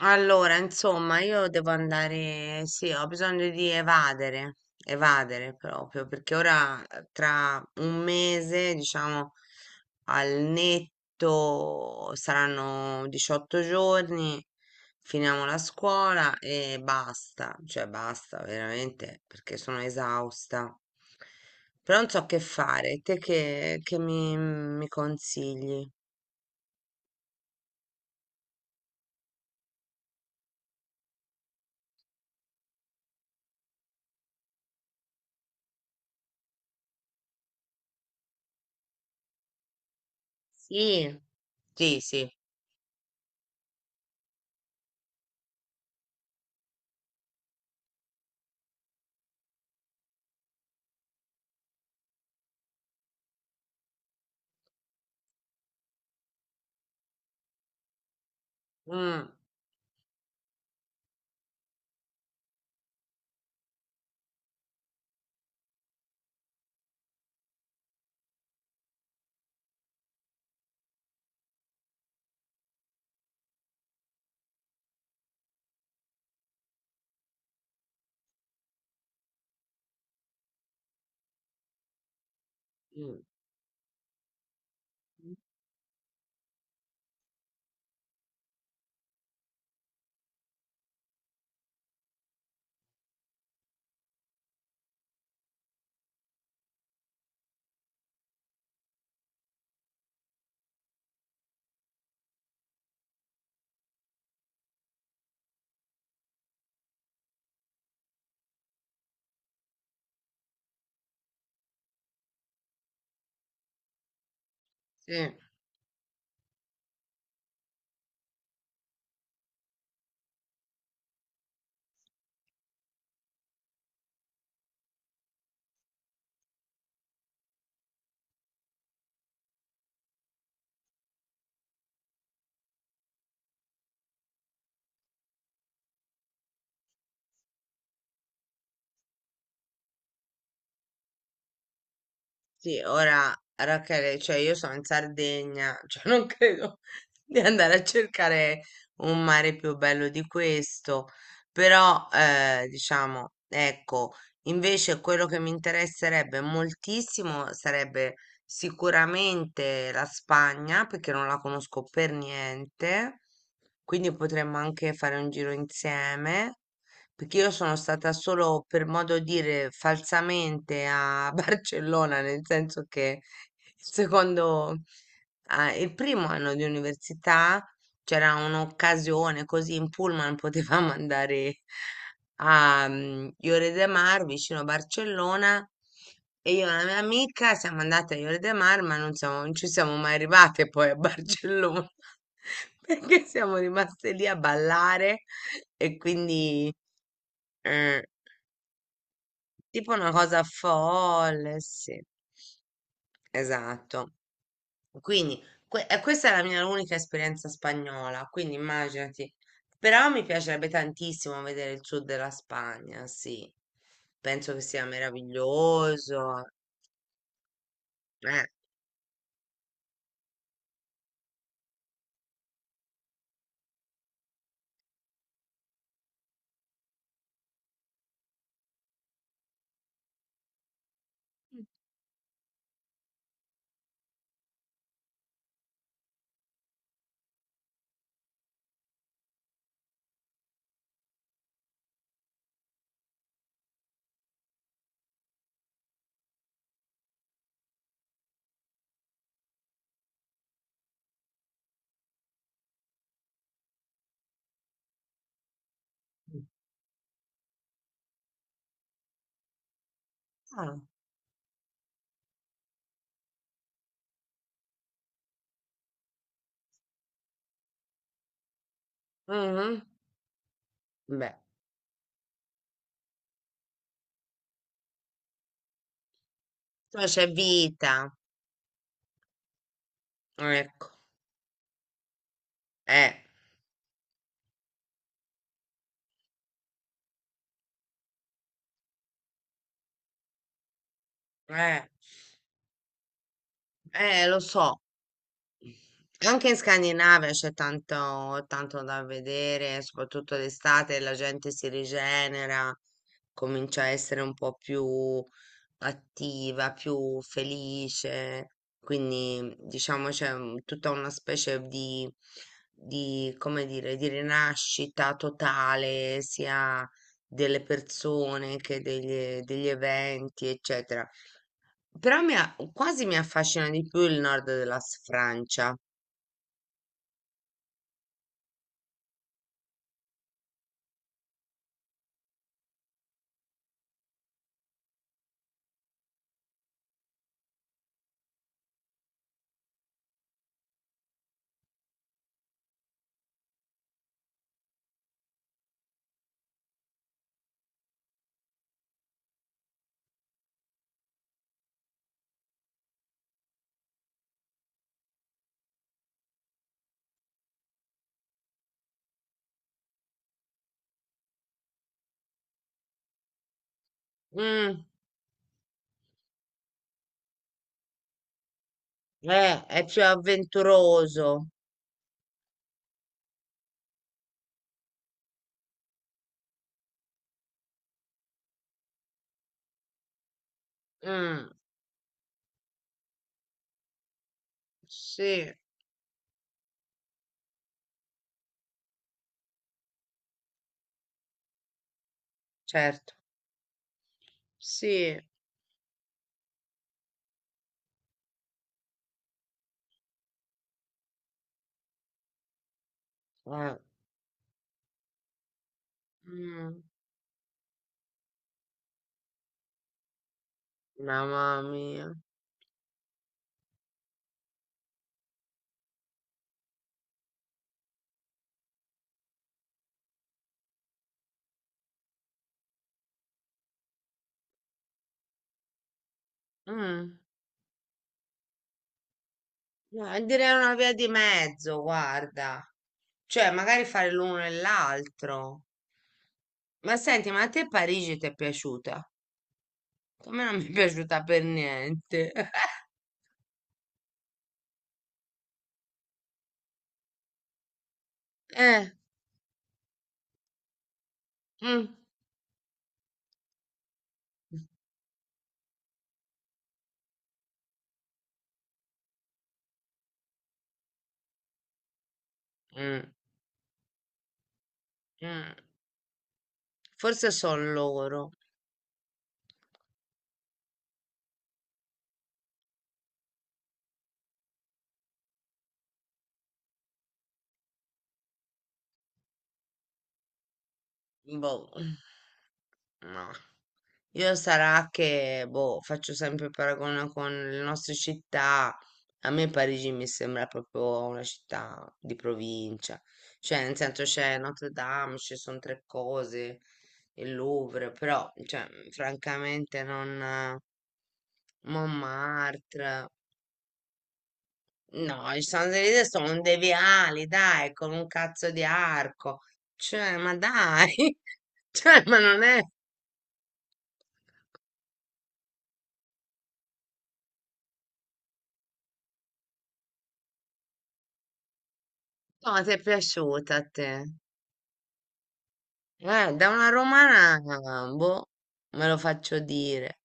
Allora, insomma, io devo andare, sì, ho bisogno di evadere, evadere proprio, perché ora tra un mese, diciamo, al netto saranno 18 giorni, finiamo la scuola e basta, cioè basta veramente, perché sono esausta. Però non so che fare, te che mi consigli? Sì, sì, sì. Mm, mm. Sì, sì, ora Rachele, cioè io sono in Sardegna, cioè non credo di andare a cercare un mare più bello di questo, però diciamo, ecco, invece quello che mi interesserebbe moltissimo sarebbe sicuramente la Spagna, perché non la conosco per niente, quindi potremmo anche fare un giro insieme. Perché io sono stata solo, per modo dire, falsamente a Barcellona, nel senso che il secondo, ah, il primo anno di università c'era un'occasione così in pullman potevamo andare a Lloret de Mar vicino a Barcellona e io e la mia amica siamo andate a Lloret de Mar ma non ci siamo mai arrivate poi a Barcellona perché siamo rimaste lì a ballare e quindi eh, tipo una cosa folle, sì, esatto. Quindi e questa è la mia unica esperienza spagnola, quindi immaginati. Però mi piacerebbe tantissimo vedere il sud della Spagna, sì. Penso che sia meraviglioso. Eh. Ah, mhm. Beh, poi c'è vita, ecco. Eh, eh, lo so. Anche in Scandinavia c'è tanto, tanto da vedere, soprattutto d'estate la gente si rigenera, comincia a essere un po' più attiva, più felice, quindi diciamo tutta una specie di, come dire, di rinascita totale, sia delle persone che degli eventi, eccetera. Però quasi mi affascina di più il nord della Francia. Mm, è più avventuroso. Mm, sì, certo, sì. Eh, mm, mamma mia. Mm, direi una via di mezzo, guarda. Cioè, magari fare l'uno e l'altro. Ma senti, ma a te Parigi ti è piaciuta? A me non mi è piaciuta per niente. Eh, mm, mm, mm. Forse sono loro. Boh, no. Io sarà che, boh, faccio sempre il paragone con le nostre città. A me Parigi mi sembra proprio una città di provincia. Cioè, nel senso c'è Notre Dame, ci sono tre cose, il Louvre, però, cioè, francamente non. Montmartre. No, i Champs-Élysées sono dei viali, dai, con un cazzo di arco. Cioè, ma dai! Cioè, ma non è... No, ti è piaciuta a te? Da una romana, boh, me lo faccio dire.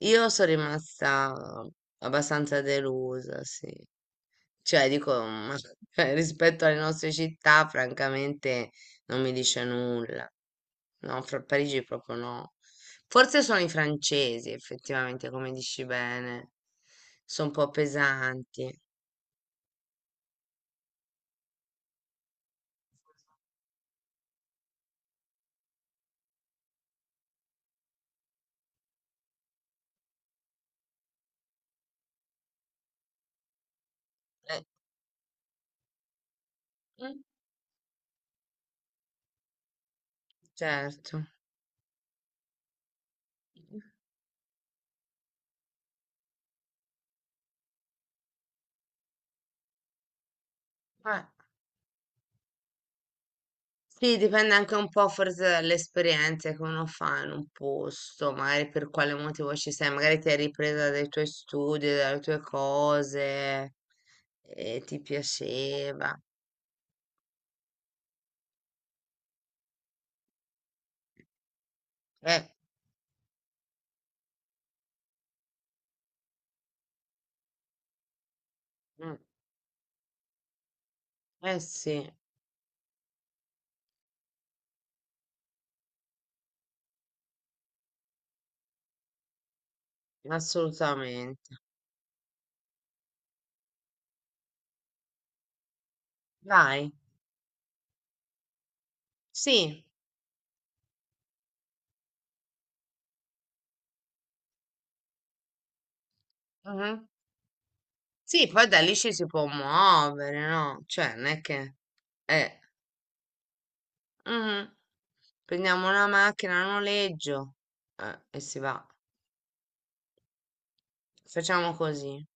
Io sono rimasta abbastanza delusa, sì. Cioè, dico, ma cioè, rispetto alle nostre città, francamente, non mi dice nulla. No, fra Parigi proprio no. Forse sono i francesi, effettivamente, come dici bene. Sono un po' pesanti. Eh, mm, certo. Eh. Sì, dipende anche un po' forse dalle esperienze che uno fa in un posto, magari per quale motivo ci sei, magari ti hai ripresa dai tuoi studi, dalle tue cose e ti piaceva. Eh, mm, eh sì, assolutamente. Dai, sì, mhm. Sì, poi da lì ci si può muovere, no? Cioè, non è che... Eh, mhm. Prendiamo una macchina a noleggio e si va. Facciamo così.